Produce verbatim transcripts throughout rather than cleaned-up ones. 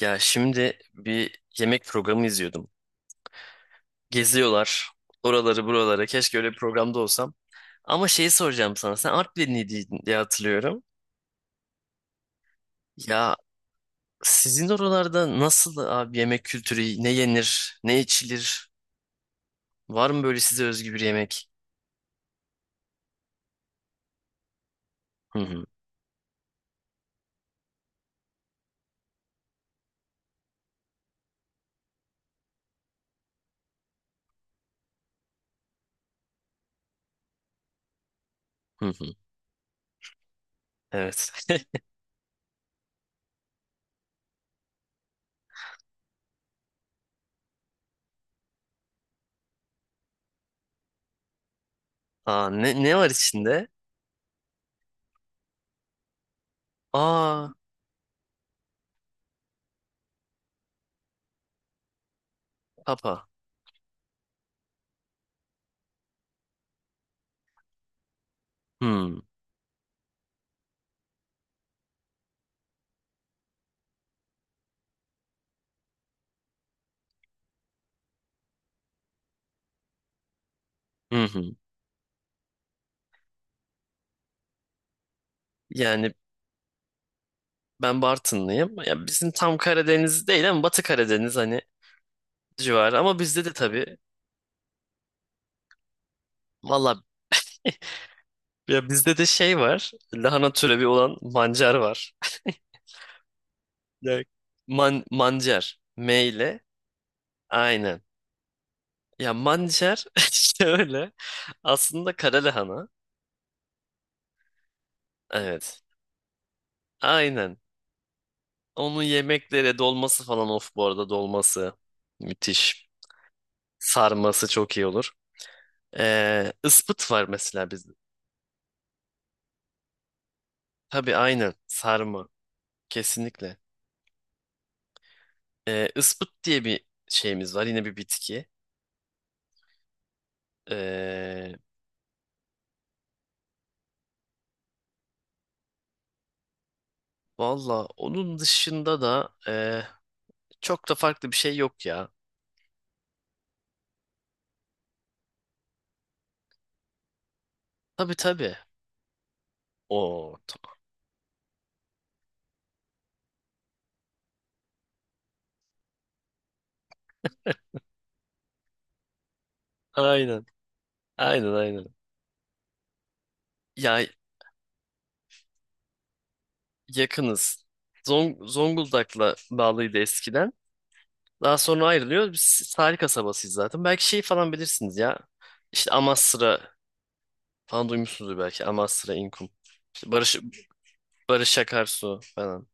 Ya şimdi bir yemek programı izliyordum. Geziyorlar oraları buralara. Keşke öyle bir programda olsam. Ama şeyi soracağım sana. Sen Artvinliydin diye hatırlıyorum. Ya sizin oralarda nasıl abi yemek kültürü? Ne yenir? Ne içilir? Var mı böyle size özgü bir yemek? Hı hı hı hı. Evet. Aa, ne, ne var içinde? Aa, papa. Hı hı hı. Yani ben Bartınlıyım. Ya bizim tam Karadeniz değil ama Batı Karadeniz hani civarı. Ama bizde de tabii. Valla, ya bizde de şey var. Lahana türevi olan mancar var. Ya, man, mancar. M ile. Aynen. Ya mancar işte öyle. Aslında kara lahana. Evet. Aynen. Onun yemeklere dolması falan, of bu arada dolması. Müthiş. Sarması çok iyi olur. Ee, ıspıt var mesela bizde. Tabii aynen. Sarma. Kesinlikle. Ee, ıspıt diye bir şeyimiz var. Yine bir bitki. Ee, Valla onun dışında da e, çok da farklı bir şey yok ya. Tabii tabii. O aynen. Aynen aynen. Ya yakınız. Zong Zonguldak'la bağlıydı eskiden. Daha sonra ayrılıyor. Biz tarih kasabasıyız zaten. Belki şey falan bilirsiniz ya. İşte Amasra falan duymuşsunuzdur belki. Amasra, İnkum. İşte Barış, Barış Akarsu falan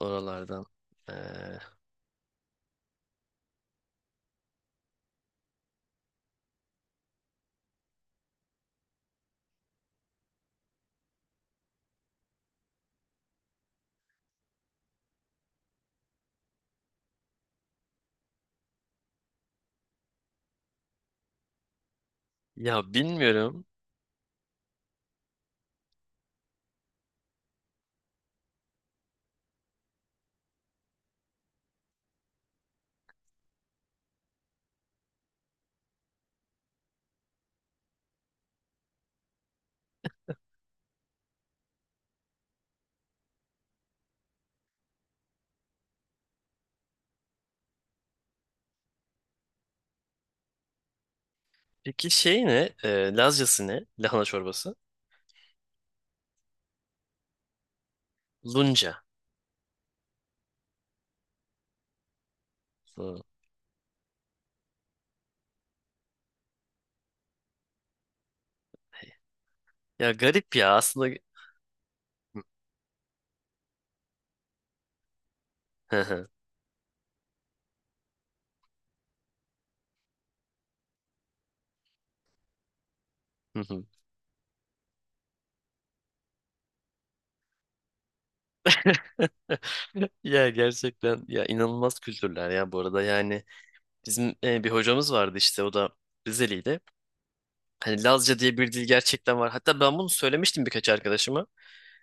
oralardan. E, ya bilmiyorum. Peki şey ne? E, Lazcası ne? Lahana çorbası. Lunca. Hı. Ya garip ya aslında. Hı hı. Hı hı. Ya gerçekten ya inanılmaz kültürler ya, bu arada yani bizim e, bir hocamız vardı işte, o da Rizeliydi. Hani Lazca diye bir dil gerçekten var. Hatta ben bunu söylemiştim birkaç arkadaşıma.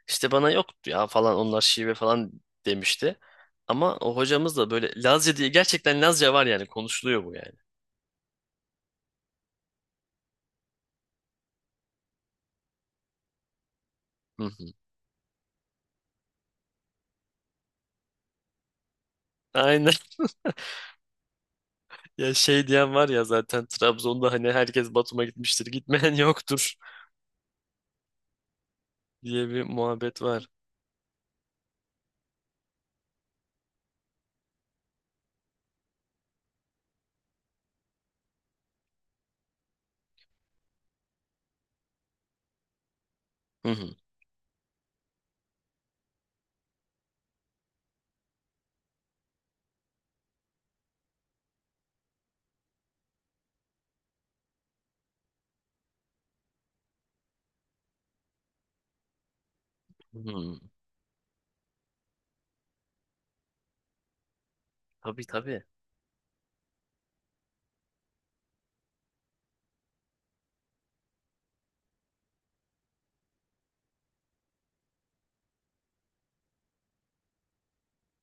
İşte bana yok ya falan, onlar şive falan demişti. Ama o hocamız da böyle Lazca diye, gerçekten Lazca var yani, konuşuluyor bu yani. Hı hı. Aynen. Ya şey diyen var ya zaten, Trabzon'da hani herkes Batum'a gitmiştir, gitmeyen yoktur diye bir muhabbet var. Hı hı. Hı. Tabii tabii.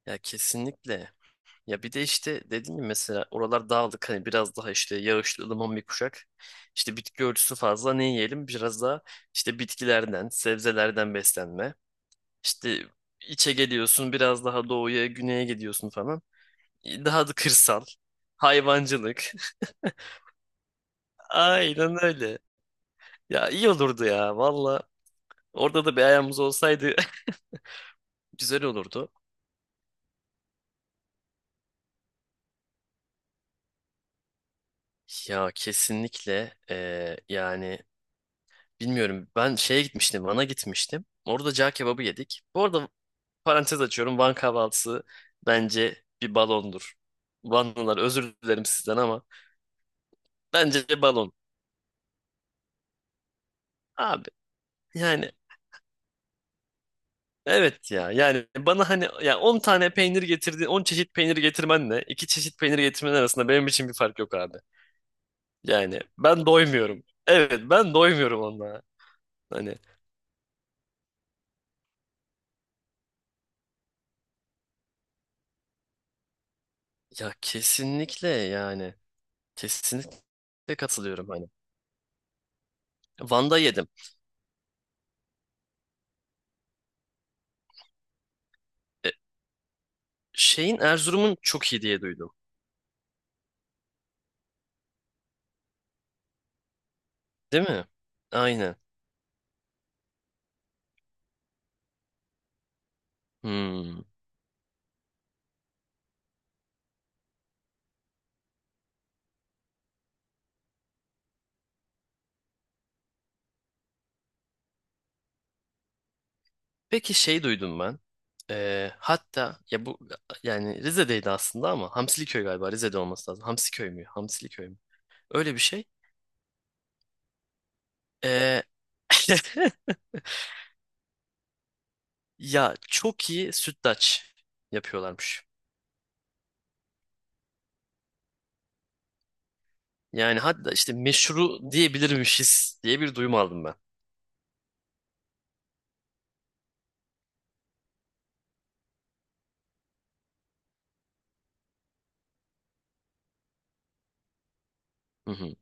Ya kesinlikle. Ya bir de işte dediğim gibi, mesela oralar dağlık, hani biraz daha işte yağışlı ılıman bir kuşak. İşte bitki örtüsü fazla, ne yiyelim? Biraz daha işte bitkilerden, sebzelerden beslenme. İşte içe geliyorsun, biraz daha doğuya, güneye gidiyorsun falan. Daha da kırsal. Hayvancılık. Aynen öyle. Ya iyi olurdu ya valla. Orada da bir ayağımız olsaydı güzel olurdu. Ya kesinlikle, eee, yani bilmiyorum. Ben şeye gitmiştim. Van'a gitmiştim. Orada cağ kebabı yedik. Bu arada parantez açıyorum. Van kahvaltısı bence bir balondur. Vanlılar özür dilerim sizden ama bence bir balon. Abi yani, evet ya. Yani bana hani ya on tane peynir getirdin, on çeşit peynir getirmenle iki çeşit peynir getirmen arasında benim için bir fark yok abi. Yani ben doymuyorum. Evet, ben doymuyorum onunla. Hani ya kesinlikle yani, kesinlikle katılıyorum hani. Van'da yedim. E, Şeyin Erzurum'un çok iyi diye duydum. Değil mi? Aynen. Hmm. Peki şey, duydum ben. Ee, hatta ya bu yani Rize'deydi aslında, ama Hamsiliköy galiba Rize'de olması lazım. Hamsiköy mü? Hamsiliköy mü? Öyle bir şey. Ee, ya çok iyi sütlaç yapıyorlarmış. Yani hatta işte meşru diyebilirmişiz diye bir duyum aldım ben. Hı hı.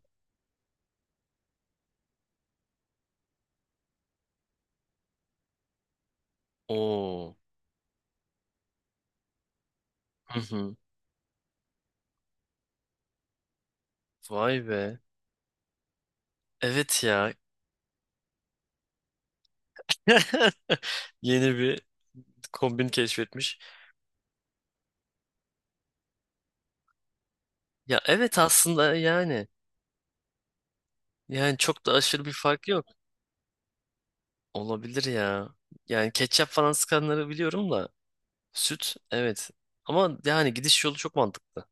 Oo. Hı hı. Vay be. Evet ya. Yeni bir kombin keşfetmiş. Ya evet aslında yani. Yani çok da aşırı bir fark yok. Olabilir ya. Yani ketçap falan sıkanları biliyorum da. Süt, evet. Ama yani gidiş yolu çok mantıklı.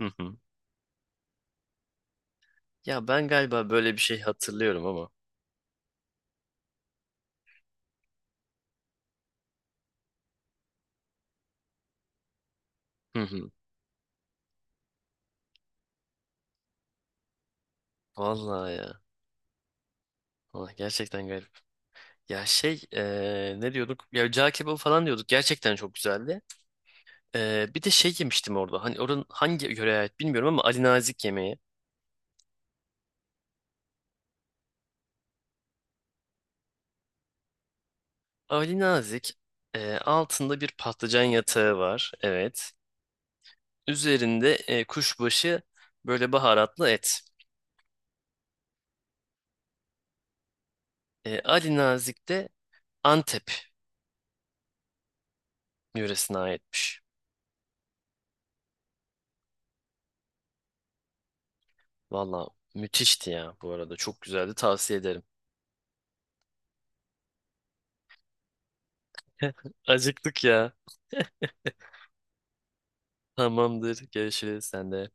Hı hı. Ya ben galiba böyle bir şey hatırlıyorum ama. Hı hı. Vallahi ya. Vallahi gerçekten garip. Ya şey, eee, ne diyorduk? Ya cağ kebabı falan diyorduk. Gerçekten çok güzeldi. Eee, bir de şey yemiştim orada. Hani oranın hangi yöreye ait bilmiyorum ama, Ali Nazik yemeği. Ali Nazik, eee, altında bir patlıcan yatağı var. Evet. Üzerinde e, kuşbaşı böyle baharatlı et. E, Ali Nazik de Antep yöresine aitmiş. Valla müthişti ya bu arada. Çok güzeldi, tavsiye ederim. Acıktık ya. Tamamdır. Görüşürüz sen de.